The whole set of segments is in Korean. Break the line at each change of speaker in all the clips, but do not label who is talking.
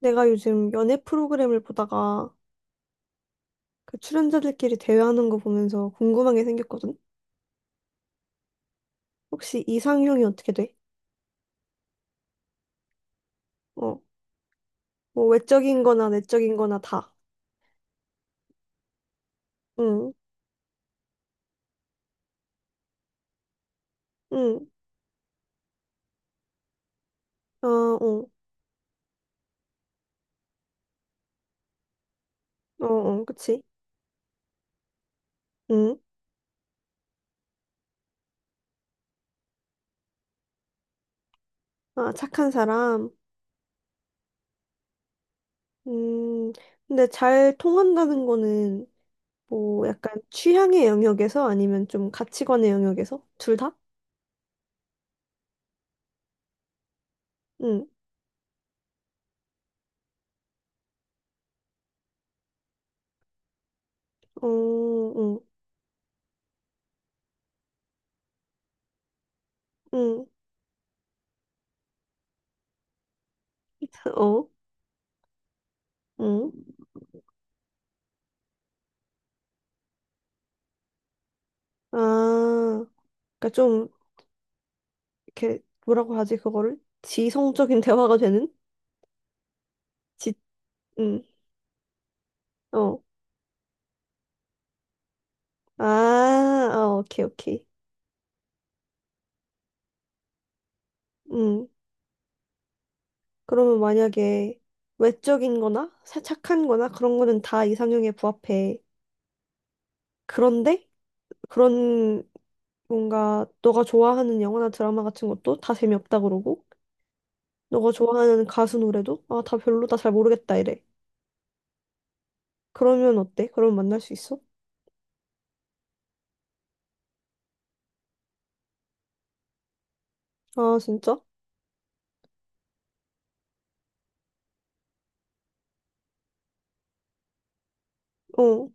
내가 요즘 연애 프로그램을 보다가 그 출연자들끼리 대화하는 거 보면서 궁금한 게 생겼거든? 혹시 이상형이 어떻게 돼? 어, 뭐 외적인 거나 내적인 거나 다. 응, 응, 어, 어, 어, 어, 그치? 응, 아, 착한 사람. 음, 근데 잘 통한다는 거는 뭐 약간 취향의 영역에서 아니면 좀 가치관의 영역에서? 둘 다? 응, 어, 응, 응, 어, 응. 아, 그러니까 좀 이렇게 뭐라고 하지 그거를 지성적인 대화가 되는 지 음. 어. 아, 아, 오케이, 오케이. 음. 그러면 만약에 외적인 거나 착한 거나 그런 거는 다 이상형에 부합해. 그런데 그런 뭔가 너가 좋아하는 영화나 드라마 같은 것도 다 재미없다 그러고 너가 좋아하는 가수 노래도 아, 다 별로다 잘 모르겠다 이래. 그러면 어때? 그럼 만날 수 있어? 아, 진짜? 어.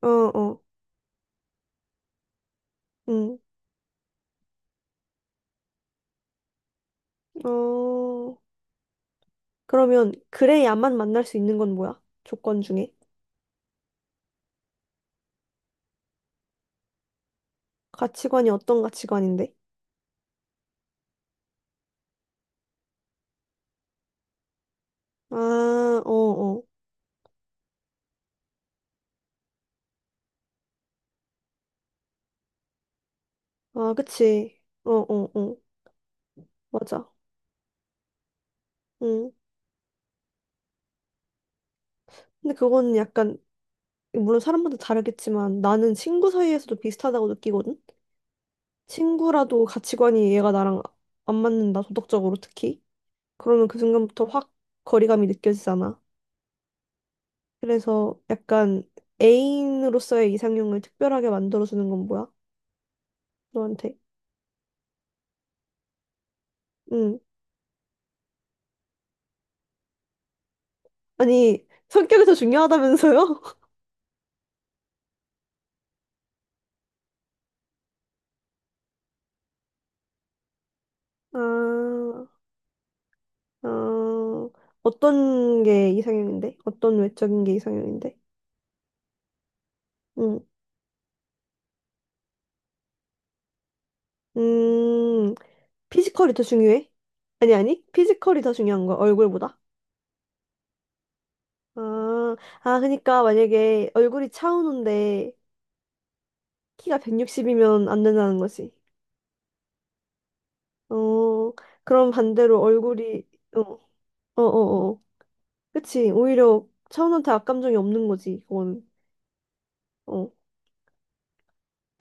어, 어. 응. 어. 그러면 그래야만 만날 수 있는 건 뭐야? 조건 중에. 가치관이 어떤 가치관인데? 아, 어, 어. 아, 그치. 어, 어, 어. 맞아. 응. 근데 그거는 약간, 물론 사람마다 다르겠지만 나는 친구 사이에서도 비슷하다고 느끼거든? 친구라도 가치관이 얘가 나랑 안 맞는다, 도덕적으로 특히. 그러면 그 순간부터 확 거리감이 느껴지잖아. 그래서 약간 애인으로서의 이상형을 특별하게 만들어주는 건 뭐야? 너한테. 응. 아니, 성격이 더 중요하다면서요? 아, 아, 어떤 게 이상형인데? 어떤 외적인 게 이상형인데? 음, 음, 피지컬이 더 중요해? 아니, 아니, 피지컬이 더 중요한 거야, 얼굴보다. 아, 아, 그러니까 만약에 얼굴이 차은우인데 키가 160이면 안 된다는 거지. 어, 그럼 반대로 얼굴이, 어, 어, 어, 어. 그치. 오히려 차은우한테 악감정이 없는 거지, 그거는. 어,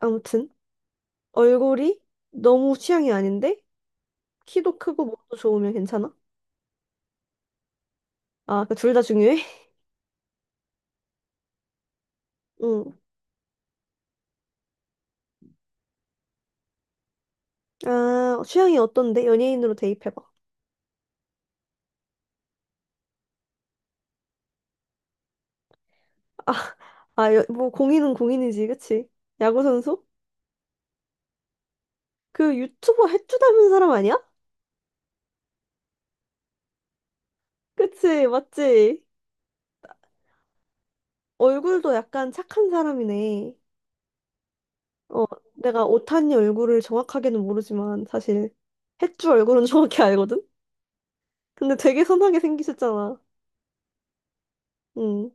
아무튼. 얼굴이 너무 취향이 아닌데 키도 크고 몸도 좋으면 괜찮아? 아, 그러니까 둘다 중요해? 응. 아, 취향이 어떤데? 연예인으로 대입해봐. 아, 아, 여- 뭐 공인은 공인이지, 그치? 야구 선수? 그 유튜버 해주 닮은 사람 아니야? 그치, 맞지? 얼굴도 약간 착한 사람이네. 어, 내가 오타니 얼굴을 정확하게는 모르지만 사실 해주 얼굴은 정확히 알거든? 근데 되게 선하게 생기셨잖아. 응,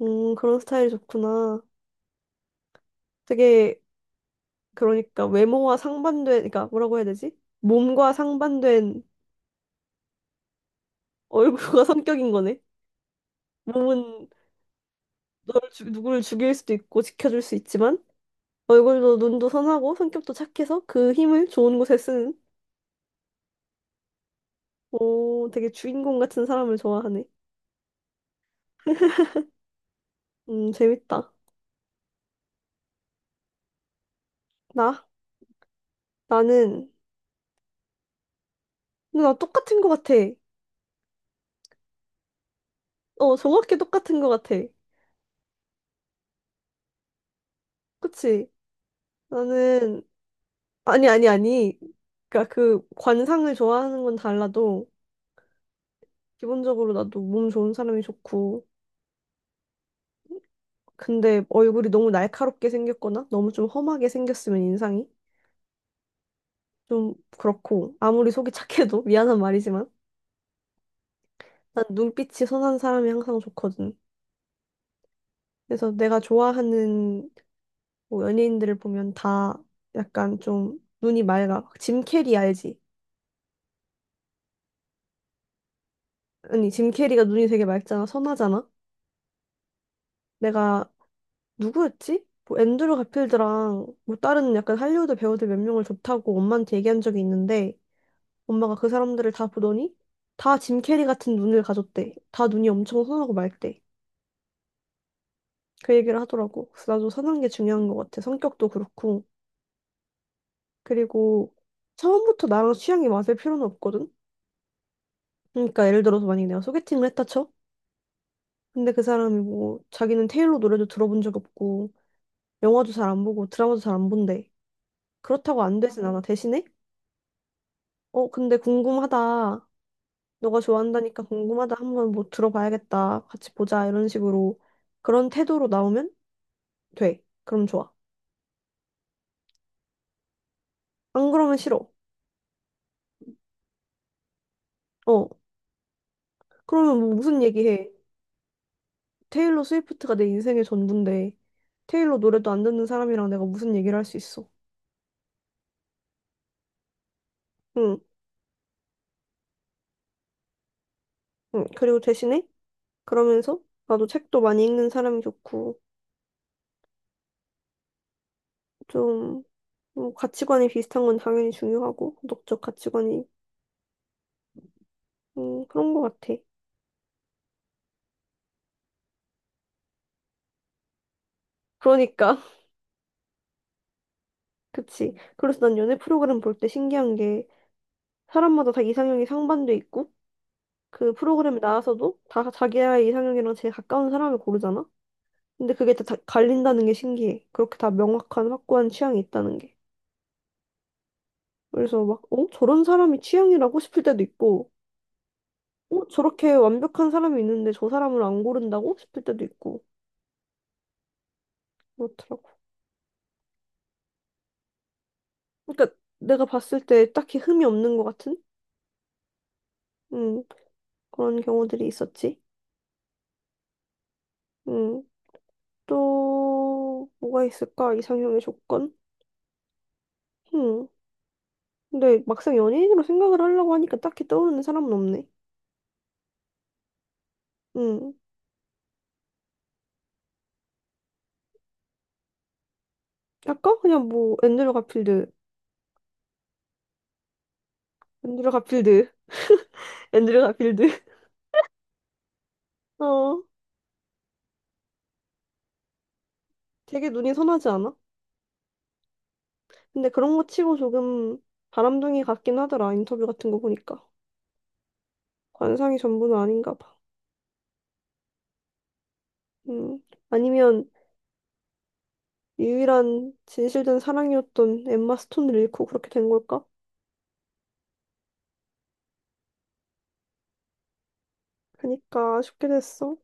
그런 스타일이 좋구나. 되게 그러니까 외모와 상반된, 그러니까 뭐라고 해야 되지? 몸과 상반된 얼굴과 성격인 거네. 몸은 누구를 죽일 수도 있고 지켜줄 수 있지만 얼굴도 눈도 선하고 성격도 착해서 그 힘을 좋은 곳에 쓰는 오, 되게 주인공 같은 사람을 좋아하네. 재밌다. 나? 나는 근데 나 똑같은 거 같아. 어, 정확히 똑같은 거 같아. 그치? 나는 아니 아니 아니. 그러니까 그 관상을 좋아하는 건 달라도 기본적으로 나도 몸 좋은 사람이 좋고, 근데 얼굴이 너무 날카롭게 생겼거나 너무 좀 험하게 생겼으면 인상이 좀 그렇고, 아무리 속이 착해도 미안한 말이지만, 난 눈빛이 선한 사람이 항상 좋거든. 그래서 내가 좋아하는 뭐 연예인들을 보면 다 약간 좀 눈이 맑아. 짐 캐리 알지? 아니, 짐 캐리가 눈이 되게 맑잖아. 선하잖아. 내가 누구였지? 뭐 앤드류 가필드랑 뭐 다른 약간 할리우드 배우들 몇 명을 좋다고 엄마한테 얘기한 적이 있는데 엄마가 그 사람들을 다 보더니 다 짐 캐리 같은 눈을 가졌대. 다 눈이 엄청 선하고 맑대. 그 얘기를 하더라고. 그래서 나도 선한 게 중요한 것 같아. 성격도 그렇고. 그리고 처음부터 나랑 취향이 맞을 필요는 없거든. 그러니까 예를 들어서 만약에 내가 소개팅을 했다 쳐? 근데 그 사람이 뭐 자기는 테일러 노래도 들어본 적 없고 영화도 잘 안 보고 드라마도 잘 안 본대. 그렇다고 안 되진 않아. 대신에 어 근데 궁금하다. 너가 좋아한다니까 궁금하다. 한번 뭐 들어봐야겠다. 같이 보자. 이런 식으로 그런 태도로 나오면 돼. 그럼 좋아. 안 그러면 싫어. 어. 그러면 뭐 무슨 얘기해? 테일러 스위프트가 내 인생의 전부인데 테일러 노래도 안 듣는 사람이랑 내가 무슨 얘기를 할 수 있어? 응, 응. 그리고 대신에 그러면서 나도 책도 많이 읽는 사람이 좋고 좀 뭐, 가치관이 비슷한 건 당연히 중요하고 도덕적 가치관이 그런 것 같아. 그러니까 그치. 그래서 난 연애 프로그램 볼 때 신기한 게 사람마다 다 이상형이 상반돼 있고 그 프로그램에 나와서도 다 자기의 이상형이랑 제일 가까운 사람을 고르잖아? 근데 그게 다 갈린다는 게 신기해. 그렇게 다 명확한 확고한 취향이 있다는 게. 그래서 막, 어? 저런 사람이 취향이라고 싶을 때도 있고, 어? 저렇게 완벽한 사람이 있는데 저 사람을 안 고른다고 싶을 때도 있고, 그렇더라고. 그러니까 내가 봤을 때 딱히 흠이 없는 것 같은? 음, 그런 경우들이 있었지. 음, 또, 뭐가 있을까? 이상형의 조건? 음. 근데 막상 연예인으로 생각을 하려고 하니까 딱히 떠오르는 사람은 없네. 음, 약간 그냥 뭐 앤드류 가필드, 앤드류 가필드, 앤드류 가필드. 어, 되게 눈이 선하지 않아? 근데 그런 거 치고 조금 바람둥이 같긴 하더라. 인터뷰 같은 거 보니까. 관상이 전부는 아닌가 봐. 음, 아니면 유일한 진실된 사랑이었던 엠마 스톤을 잃고 그렇게 된 걸까? 그니까 아쉽게 됐어.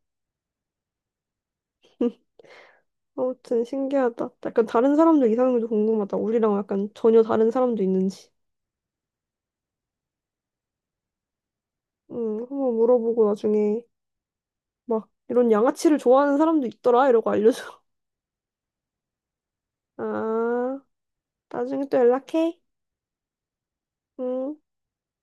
아무튼 신기하다. 약간 다른 사람들 이상형도 궁금하다. 우리랑 약간 전혀 다른 사람도 있는지. 한번 물어보고 나중에 막 이런 양아치를 좋아하는 사람도 있더라 이러고 알려줘. 아, 나중에 또 연락해. 응.